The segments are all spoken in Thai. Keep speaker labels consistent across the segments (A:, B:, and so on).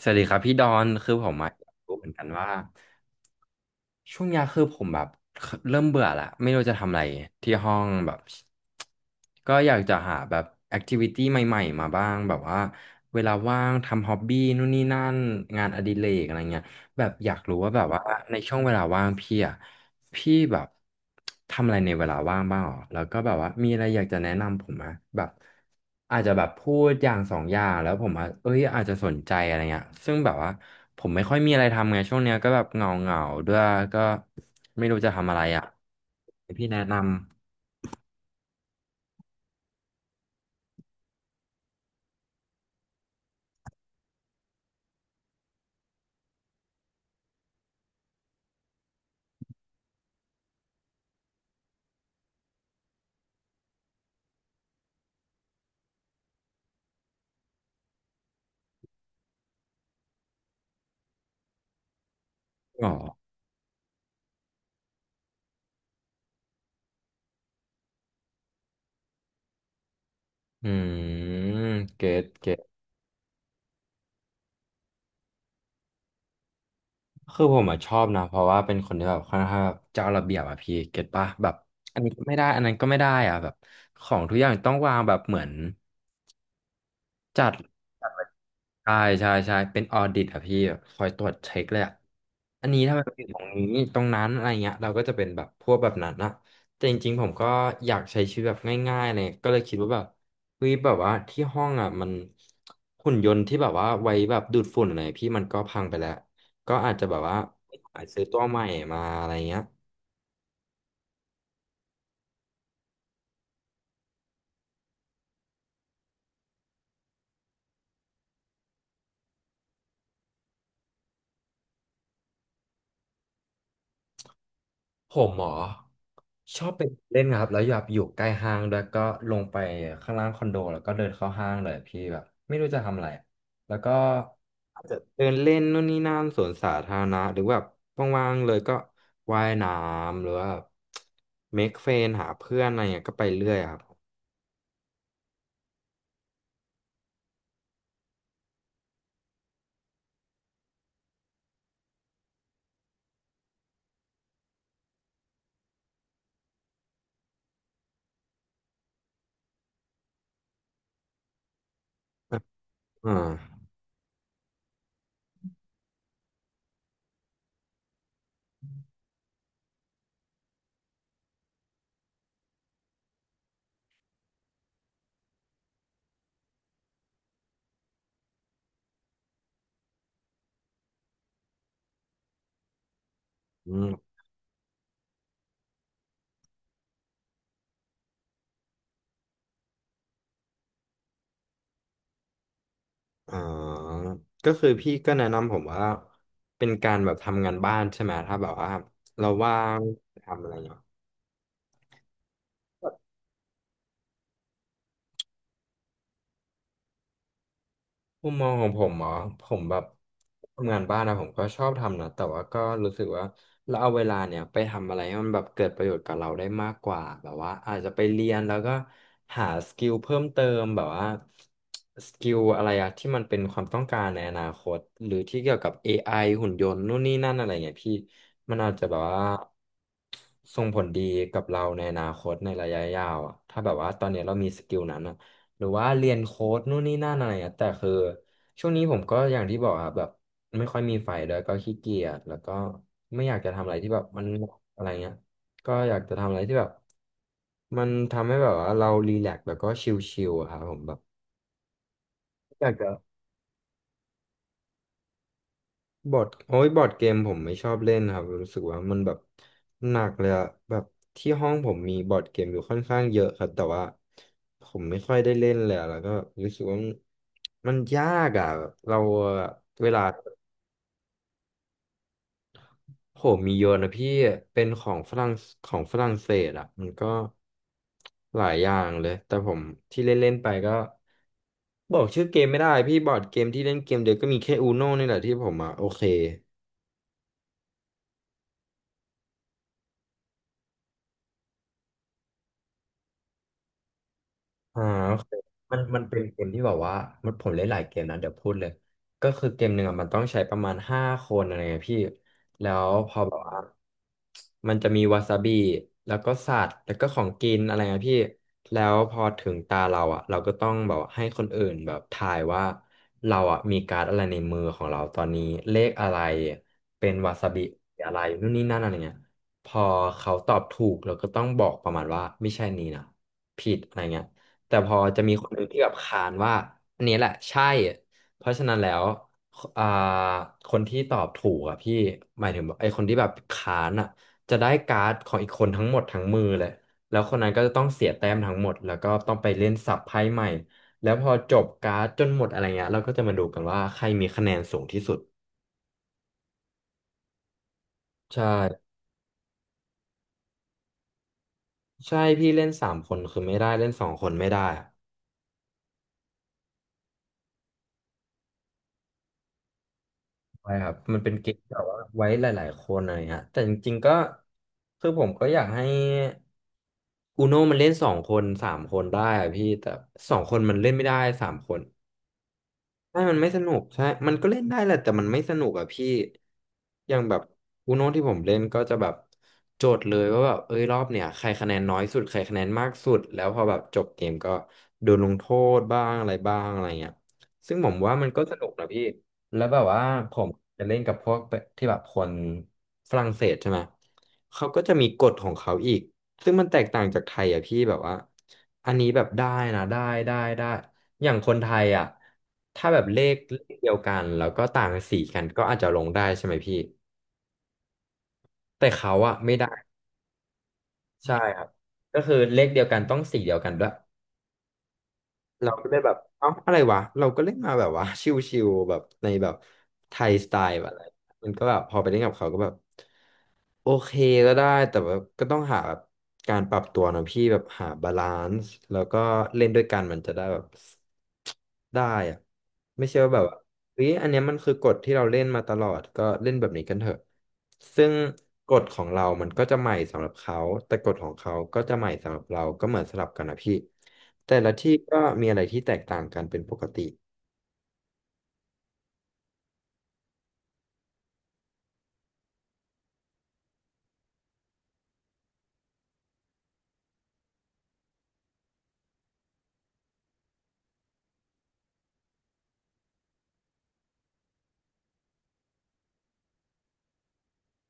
A: สวัสดีครับพี่ดอนคือผมอะอยากรู้เหมือนกันว่าช่วงเนี้ยคือผมแบบเริ่มเบื่อละไม่รู้จะทำอะไรที่ห้องแบบก็อยากจะหาแบบแอคทิวิตี้ใหม่ๆมาบ้างแบบว่าเวลาว่างทำฮ็อบบี้นู่นนี่นั่นงานอดิเรกอะไรเงี้ย แบบอยากรู้ว่าแบบว่าในช่วงเวลาว่างพี่อ่ะพี่แบบทำอะไรในเวลาว่างบ้างหรอแล้วก็แบบว่ามีอะไรอยากจะแนะนำผมไหมแบบอาจจะแบบพูดอย่างสองอย่างแล้วผมอ่ะเอ้ยอาจจะสนใจอะไรเงี้ยซึ่งแบบว่าผมไม่ค่อยมีอะไรทำไงช่วงเนี้ยก็แบบเหงาเหงาด้วยก็ไม่รู้จะทำอะไรอ่ะให้พี่แนะนำหรออืมเกตเก คือผมอะชอบนะเพราะว่าเป็นคนที่แบบค่อนข้างแบบเจ้าระเบียบอะพี่เก็ตปะแบบอันนี้ก็ไม่ได้อันนั้นก็ไม่ได้อะแบบของทุกอย่างต้องวางแบบเหมือนจัด ใช่ใช่ใช่เป็นออดิตอะพี่แบบคอยตรวจเช็คเลยอะอันนี้ถ้ามันเป็นตรงนี้ตรงนั้นอะไรเงี้ยเราก็จะเป็นแบบพวกแบบนั้นนะแต่จริงๆผมก็อยากใช้ชีวิตแบบง่ายๆเลยก็เลยคิดว่าแบบเฮ้ยแบบว่าที่ห้องอะมันหุ่นยนต์ที่แบบว่าไว้แบบดูดฝุ่นอะไรพี่มันก็พังไปแล้วก็อาจจะแบบว่าไปซื้อตัวใหม่มาอะไรเงี้ย ผมหมอชอบไปเล่นครับแล้วอยากอยู่ใกล้ห้างด้วยก็ลงไปข้างล่างคอนโดแล้วก็เดินเข้าห้างเลยพี่แบบไม่รู้จะทำอะไรแล้วก็อาจจะเดินเล่นนู่นนี่นั่นสวนสาธารณะหรือแบบว่างๆเลยก็ว่ายน้ำหรือว่าเมคเฟนหาเพื่อนอะไรเงี้ยก็ไปเรื่อยครับอ่าอืมออก็คือพี่ก็แนะนำผมว่าเป็นการแบบทำงานบ้านใช่ไหมถ้าแบบว่าเราว่างทำอะไรอย่างเงี้ย มุมมองของผมเหรอผมแบบทำงานบ้านนะผมก็ชอบทำนะแต่ว่าก็รู้สึกว่าเราเอาเวลาเนี่ยไปทำอะไรให้มันแบบเกิดประโยชน์กับเราได้มากกว่าแบบว่าอาจจะไปเรียนแล้วก็หาสกิลเพิ่มเติมแบบว่าสกิลอะไรอะที่มันเป็นความต้องการในอนาคตหรือที่เกี่ยวกับเอไ i หุ่นยนต์นู่นนี่นั่นอะไรเงี้ยพี่มันอาจจะแบบว่าส่งผลดีกับเราในอนาคตในระยะยาวอะถ้าแบบว่าตอนเนี้ยเรามีสกิลนั้นอะ หรือว่าเรียนโค้ดนู่นนี่นั่นอะไรอะแต่คือช่วงนี้ผมก็อย่างที่บอกอะแบบไม่ค่อยมีไฟด้วยก็ขี้เกียจแล้วก็ไม่อยากจะทำอะไรที่แบบมันอะไรเงี้ยก็อยากจะทำอะไรที่แบบมันทำให้แบบว่าเรารีแลกซ์แล้วก็ชิลๆอะครับผมแบบอยากจะ บอร์ดโอ้ยบอร์ดเกมผมไม่ชอบเล่นครับรู้สึกว่ามันแบบหนักเลยอะแบบที่ห้องผมมีบอร์ดเกมอยู่ค่อนข้างเยอะครับแต่ว่าผมไม่ค่อยได้เล่นเลยอะแล้วก็รู้สึกว่ามันยากอะเราอะเวลาผมมีโยนนะพี่เป็นของฝรั่งของฝรั่งเศสอะมันก็หลายอย่างเลยแต่ผมที่เล่นเล่นไปก็บอกชื่อเกมไม่ได้พี่บอร์ดเกมที่เล่นเกมเดียวก็มีแค่อูโน่นี่แหละที่ผมอะโอเค อ่าโอเคมันเป็นเกมที่แบบว่ามันผมเล่นหลายเกมนะเดี๋ยวพูดเลยก็คือเกมหนึ่งอ่ะมันต้องใช้ประมาณ5 คนอะไรเงี้ยพี่แล้วพอแบบว่ามันจะมีวาซาบิแล้วก็สัตว์แล้วก็ของกินอะไรเงี้ยพี่แล้วพอถึงตาเราอ่ะเราก็ต้องแบบให้คนอื่นแบบทายว่าเราอ่ะมีการ์ดอะไรในมือของเราตอนนี้เลขอะไรเป็นวาซาบิอะไรนู่นนี่นั่นอะไรเงี้ยพอเขาตอบถูกเราก็ต้องบอกประมาณว่าไม่ใช่นี้นะผิดอะไรเงี้ย แต่พอจะมีคนหนึ่งที่แบบขานว่าอันนี้แหละใช่เพราะฉะนั้นแล้วอ่าคนที่ตอบถูกอ่ะพี่หมายถึงไอ้คนที่แบบขานอ่ะจะได้การ์ดของอีกคนทั้งหมดทั้งมือเลยแล้วคนนั้นก็จะต้องเสียแต้มทั้งหมดแล้วก็ต้องไปเล่นสับไพ่ใหม่แล้วพอจบการ์ดจนหมดอะไรเงี้ยเราก็จะมาดูกันว่าใครมีคะแนนสูงที่สุดใช่ใช่พี่เล่น3 คนคือไม่ได้เล่น2 คนไม่ได้อะ ใช่ครับ มันเป็นเกมที่แบบว่าไว้หลายๆคนอะไรเงี้ยแต่จริงๆก็คือผมก็อยากให้อูโนมันเล่นสองคนสามคนได้อะพี่ แต่สองคนมันเล่นไม่ได้สามคน ใช่มันไม่สนุกใช่มันก็เล่นได้แหละแต่มันไม่สนุกอะพี่อย่างแบบอูโน่ที่ผมเล่นก็จะแบบโจทย์เลยว่าแบบเอ้ยรอบเนี่ยใครคะแนนน้อยสุดใครคะแนนมากสุดแล้วพอแบบจบเกมก็โดนลงโทษบ้างอะไรบ้างอะไรเงี้ยซึ่งผมว่ามันก็สนุกนะพี่แล้วแบบว่าผมจะเล่นกับพวกที่แบบคนฝรั่งเศสใช่ไหมเขาก็จะมีกฎของเขาอีกซึ่งมันแตกต่างจากไทยอะพี่แบบว่าอันนี้แบบได้นะได้ได้ อย่างคนไทยอ่ะถ้าแบบเลขเดียวกันแล้วก็ต่างสีกันก็อาจจะลงได้ใช่ไหมพี่แต่เขาอ่ะไม่ได้ใช่ครับก็คือเลขเดียวกันต้องสีเดียวกันด้วยเราก็เลยแบบเอ้าอะไรวะเราก็เล่นมาแบบว่า ชิวๆแบบในแบบไทยสไตล์แบบ มันก็แบบพอไปเล่นกับเขาก็แบบโอเคก็ได้แต่แบบก็ต้องหาแบบการปรับตัวนะพี่แบบหาบาลานซ์แล้วก็เล่นด้วยกันมันจะได้แบบได้อะไม่ใช่ว่าแบบว่าเฮ้ยอันเนี้ยมันคือกฎที่เราเล่นมาตลอดก็เล่นแบบนี้กันเถอะซึ่งกฎของเรามันก็จะใหม่สำหรับเขาแต่กฎของเขาก็จะใหม่สำหรับเราก็เหมือนสลับกันนะพี่แต่ละที่ก็มีอะไรที่แตกต่างกันเป็นปกติ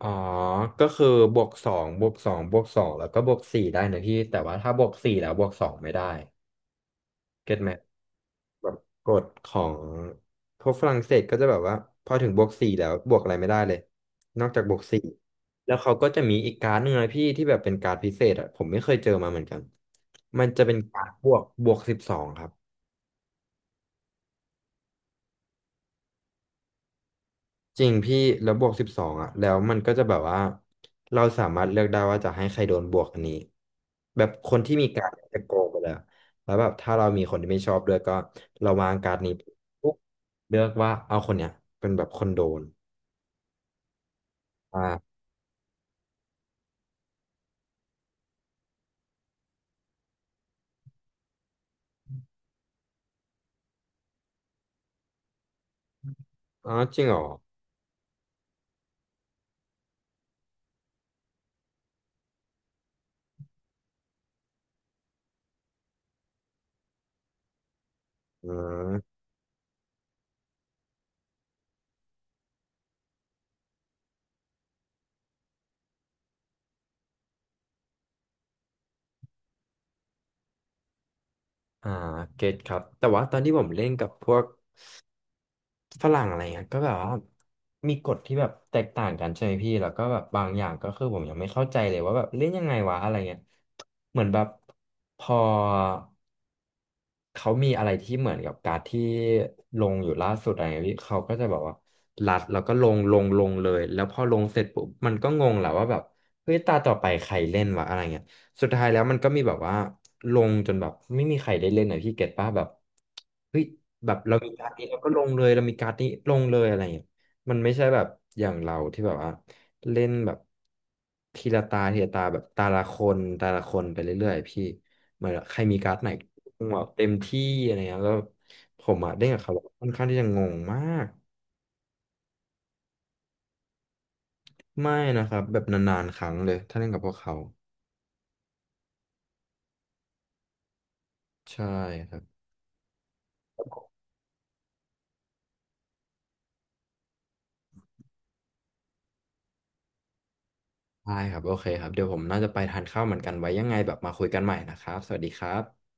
A: อ๋อก็คือบวกสองบวกสองบวกสองแล้วก็บวกสี่ได้นะพี่แต่ว่าถ้าบวกสี่แล้วบวกสองไม่ได้เก็ตไหมแบบกฎของพวกฝรั่งเศสก็จะแบบว่าพอถึงบวกสี่แล้วบวกอะไรไม่ได้เลยนอกจากบวกสี่แล้วเขาก็จะมีอีกการ์ดหนึ่งนะพี่ที่แบบเป็นการ์ดพิเศษอ่ะผมไม่เคยเจอมาเหมือนกันมันจะเป็นการ์ดบวกสิบสองครับ จริงพี่แล้วบวกสิบสองอ่ะแล้วมันก็จะแบบว่าเราสามารถเลือกได้ว่าจะให้ใครโดนบวกอันนี้แบบคนที่มีการดจะโกงไปแล้วแล้วแบบถ้าเรามีคนที่ไม่ชอบด้วยก็เราวางการดนี้ปุ๊บเลือกว่าเอาคนเนี้ยเป็นแบบคนโดนอ่าอ๋อจริงเหรออืมอ่าเก็ตครับแต่ว่าตอนที่ผมเล่นกับพวก ฝรั่งอะไรเงี้ยก็แบบว่ามีกฎที่แบบแตกต่างกันใช่ไหมพี่แล้วก็แบบบางอย่างก็คือผมยังไม่เข้าใจเลยว่าแบบเล่นยังไงวะอะไรเงี้ยเหมือนแบบพอเขามีอะไรที่เหมือนกับการ์ดที่ลงอยู่ล่าสุดอะไรเงี้ยพี่เขาก็จะแบบว่ารัดแล้วก็ลงเลยแล้วพอลงเสร็จปุ๊บมันก็งงแหละว่าแบบเฮ้ยตาต่อไปใครเล่นวะอะไรเงี้ย สุดท้ายแล้วมันก็มีแบบว่าลงจนแบบไม่มีใครได้เล่นหน่อยพี่เก็ตป้าแบบเฮ้ยแบบเรามีการ์ดนี้เราก็ลงเลยเรามีการ์ดนี้ลงเลยอะไรอย่างเงี้ยมันไม่ใช่แบบอย่างเราที่แบบว่าเล่นแบบทีละตาแบบตาละคนไปเรื่อยๆพี่เหมือนใครมีการ์ดไหนแบบเต็มที่อะไรเงี้ยแล้วผมอะเล่นกับเขาค่อนข้างที่จะงงมากไม่นะครับแบบนานๆครั้งเลยถ้าเล่นกับพวกเขาใช่ครับ ได้ครับโอเคครับเดี๋ยวผมน่าจะไปทานข้าวเหมือนกันไว้ยังไงแบบมาคุยกันใหม่นะครับสวัสดีครับ